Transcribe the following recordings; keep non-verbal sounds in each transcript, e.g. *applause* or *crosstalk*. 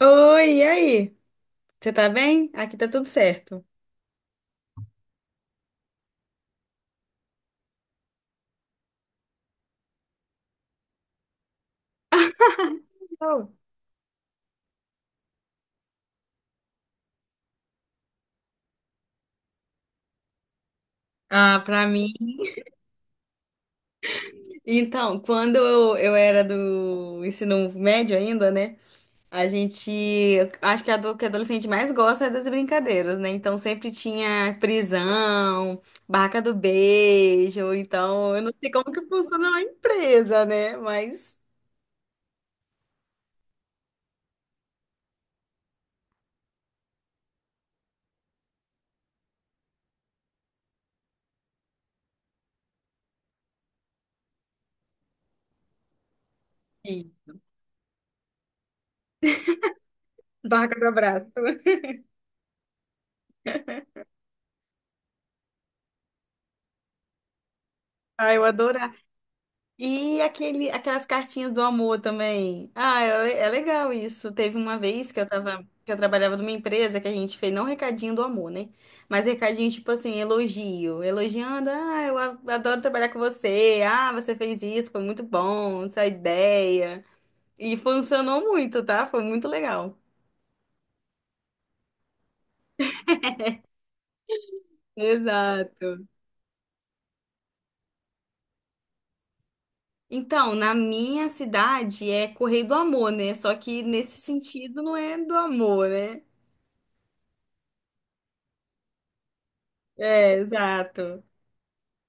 Oi, e aí? Você tá bem? Aqui tá tudo certo. *laughs* Não. Ah, pra mim. Então, quando eu era do ensino médio ainda, né? A gente. Eu acho que a do que adolescente mais gosta é das brincadeiras, né? Então sempre tinha prisão, barraca do beijo. Então, eu não sei como que funciona na empresa, né? Mas. Sim. Barraca do abraço. *laughs* Ah, eu adorava. E aquelas cartinhas do amor também. Ah, é legal isso. Teve uma vez que eu trabalhava numa empresa que a gente fez não recadinho do amor, né? Mas recadinho tipo assim, elogiando, ah, eu adoro trabalhar com você. Ah, você fez isso, foi muito bom, essa ideia. E funcionou muito, tá? Foi muito legal. Exato. Então, na minha cidade é Correio do Amor, né? Só que nesse sentido não é do amor, né? É, exato.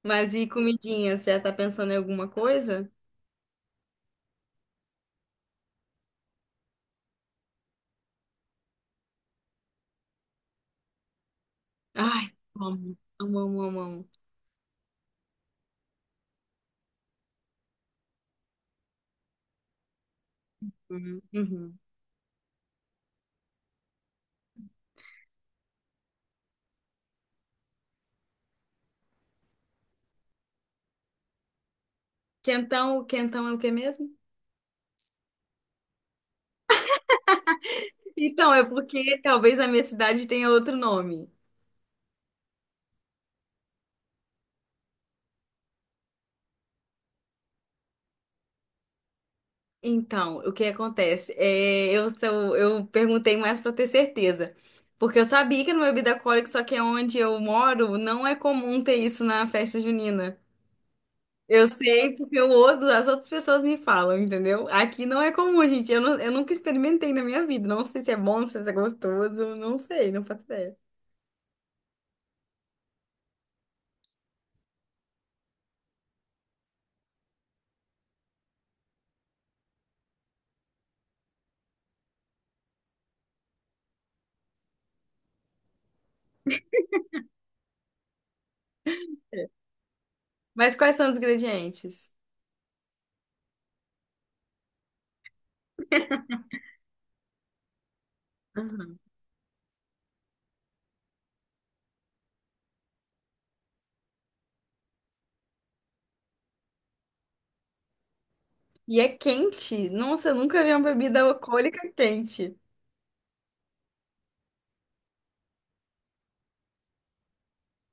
Mas e comidinhas? Já tá pensando em alguma coisa? Ai, amo, amo, amo, amo, amo. Uhum, uhum. Quentão, quentão é o que mesmo? Então, é porque talvez a minha cidade tenha outro nome. Então, o que acontece? É, eu perguntei mais para ter certeza. Porque eu sabia que era uma bebida alcoólica, só que é onde eu moro não é comum ter isso na festa junina. Eu sei porque as outras pessoas me falam, entendeu? Aqui não é comum, gente. Eu nunca experimentei na minha vida. Não sei se é bom, não sei se é gostoso. Não sei, não faço ideia. É. Mas quais são os ingredientes? Aham. E é quente? Nossa, eu nunca vi uma bebida alcoólica quente.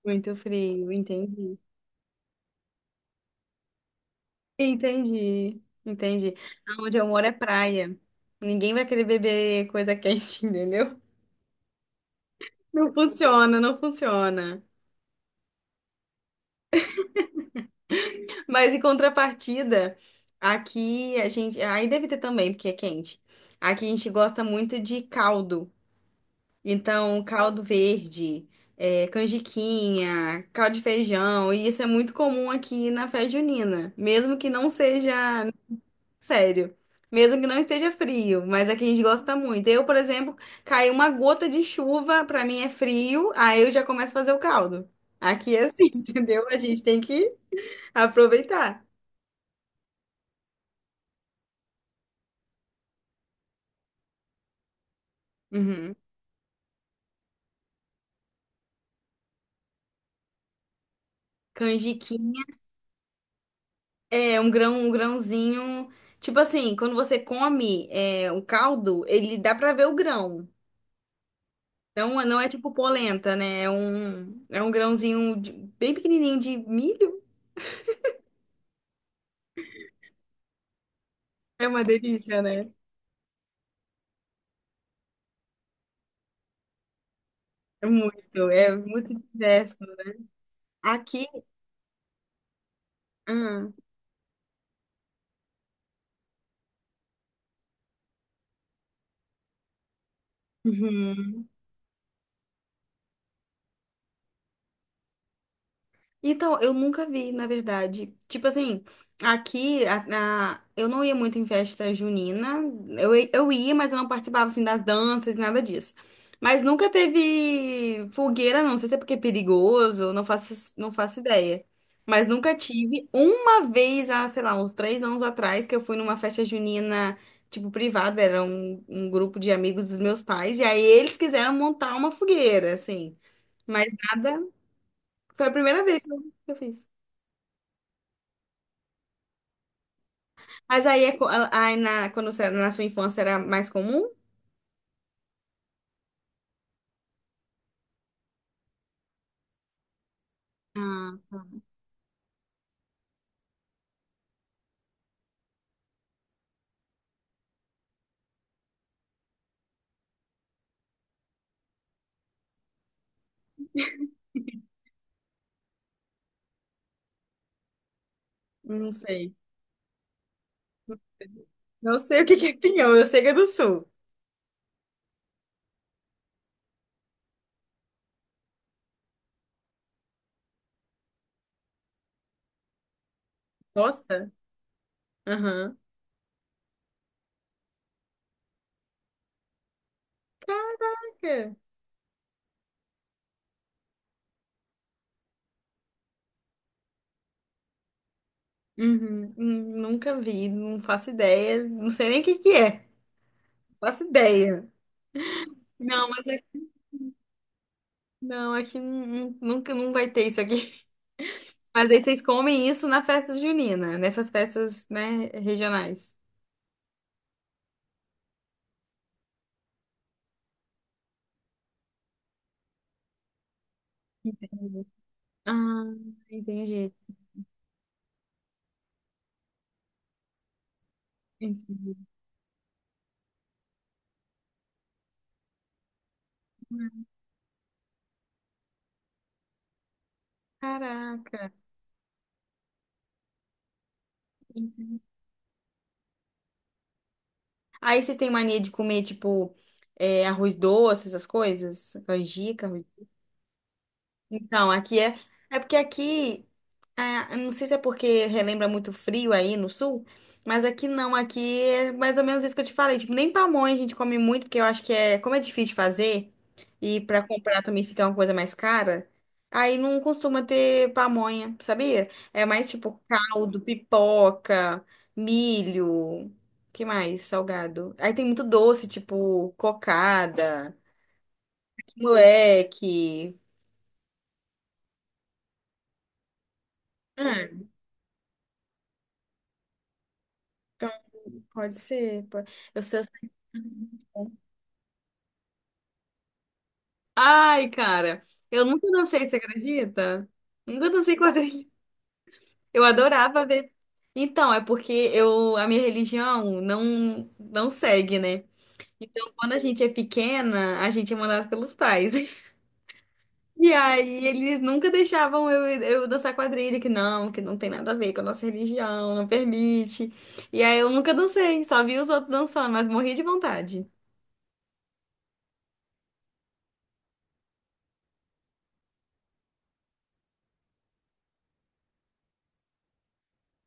Muito frio, entendi. Entendi, entendi. Onde eu moro é praia. Ninguém vai querer beber coisa quente, *laughs* entendeu? Não funciona, não funciona. Mas em contrapartida, aqui a gente. Aí deve ter também, porque é quente. Aqui a gente gosta muito de caldo. Então, caldo verde, canjiquinha, caldo de feijão. E isso é muito comum aqui na festa junina. Mesmo que não seja. Sério. Mesmo que não esteja frio, mas aqui a gente gosta muito. Eu, por exemplo, cai uma gota de chuva, pra mim é frio, aí eu já começo a fazer o caldo. Aqui é assim, *laughs* entendeu? A gente tem que aproveitar. Uhum. Canjiquinha é um grão, um grãozinho. Tipo assim, quando você come, o caldo, ele dá pra ver o grão. Então, não é tipo polenta, né? É um grãozinho bem pequenininho de milho. É uma delícia, né? É muito diverso. Aqui. Ah, uhum. Então, eu nunca vi, na verdade. Tipo assim, eu não ia muito em festa junina. Eu ia, mas eu não participava assim das danças, nada disso. Mas nunca teve fogueira, não. Não sei se é porque é perigoso, não faço ideia. Mas nunca tive. Uma vez, há, sei lá, uns 3 anos atrás, que eu fui numa festa junina, tipo, privada, era um grupo de amigos dos meus pais, e aí eles quiseram montar uma fogueira, assim. Mas nada. Foi a primeira vez que eu fiz. Mas aí, na sua infância era mais comum? Ah, tá. Não sei. Não sei o que que é pinhão, eu sei que é do sul. Gosta? Aham. Por quê? Uhum. Nunca vi, não faço ideia. Não sei nem o que que é. Não faço ideia. Não, mas não, aqui nunca não vai ter isso aqui. *laughs* Mas aí vocês comem isso na festa junina, nessas festas, né, regionais. Entendi. Ah, entendi. Entendi. Caraca. Aí vocês têm mania de comer, tipo, arroz doce, essas coisas? Canjica, arroz... Então, aqui é... É porque aqui eu não sei se é porque relembra muito frio aí no sul, mas aqui não, aqui é mais ou menos isso que eu te falei. Tipo, nem pamonha a gente come muito, porque eu acho que como é difícil de fazer e para comprar também fica uma coisa mais cara, aí não costuma ter pamonha, sabia? É mais tipo caldo, pipoca, milho, que mais? Salgado. Aí tem muito doce, tipo cocada, moleque. Ah, pode ser. Eu sei. Ai, cara, eu nunca dancei, você acredita? Nunca dancei quadrilha. Eu adorava ver. Então, é porque a minha religião não segue, né? Então, quando a gente é pequena, a gente é mandado pelos pais. *laughs* E aí, eles nunca deixavam eu dançar quadrilha, que não tem nada a ver com a nossa religião, não permite. E aí, eu nunca dancei, só vi os outros dançando, mas morri de vontade.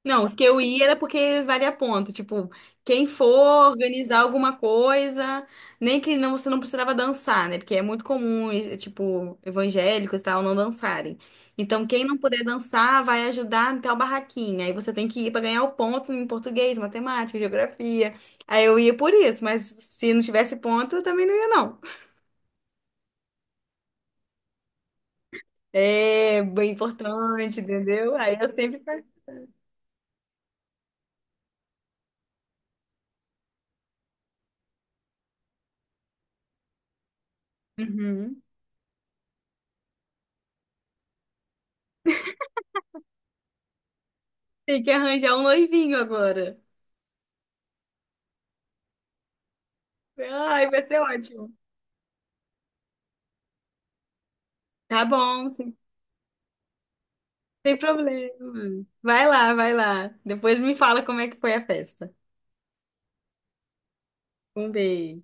Não, os que eu ia era porque valia ponto. Tipo, quem for organizar alguma coisa, nem que não, você não precisava dançar, né? Porque é muito comum, e, tipo, evangélicos e tal, não dançarem. Então, quem não puder dançar vai ajudar em tal barraquinha. Aí você tem que ir para ganhar o ponto em português, matemática, geografia. Aí eu ia por isso, mas se não tivesse ponto, eu também não ia, não. É bem importante, entendeu? Aí eu sempre faço. Uhum. Tem que arranjar um noivinho agora. Ai, vai ser ótimo. Tá bom, sem problema. Vai lá, vai lá. Depois me fala como é que foi a festa. Um beijo.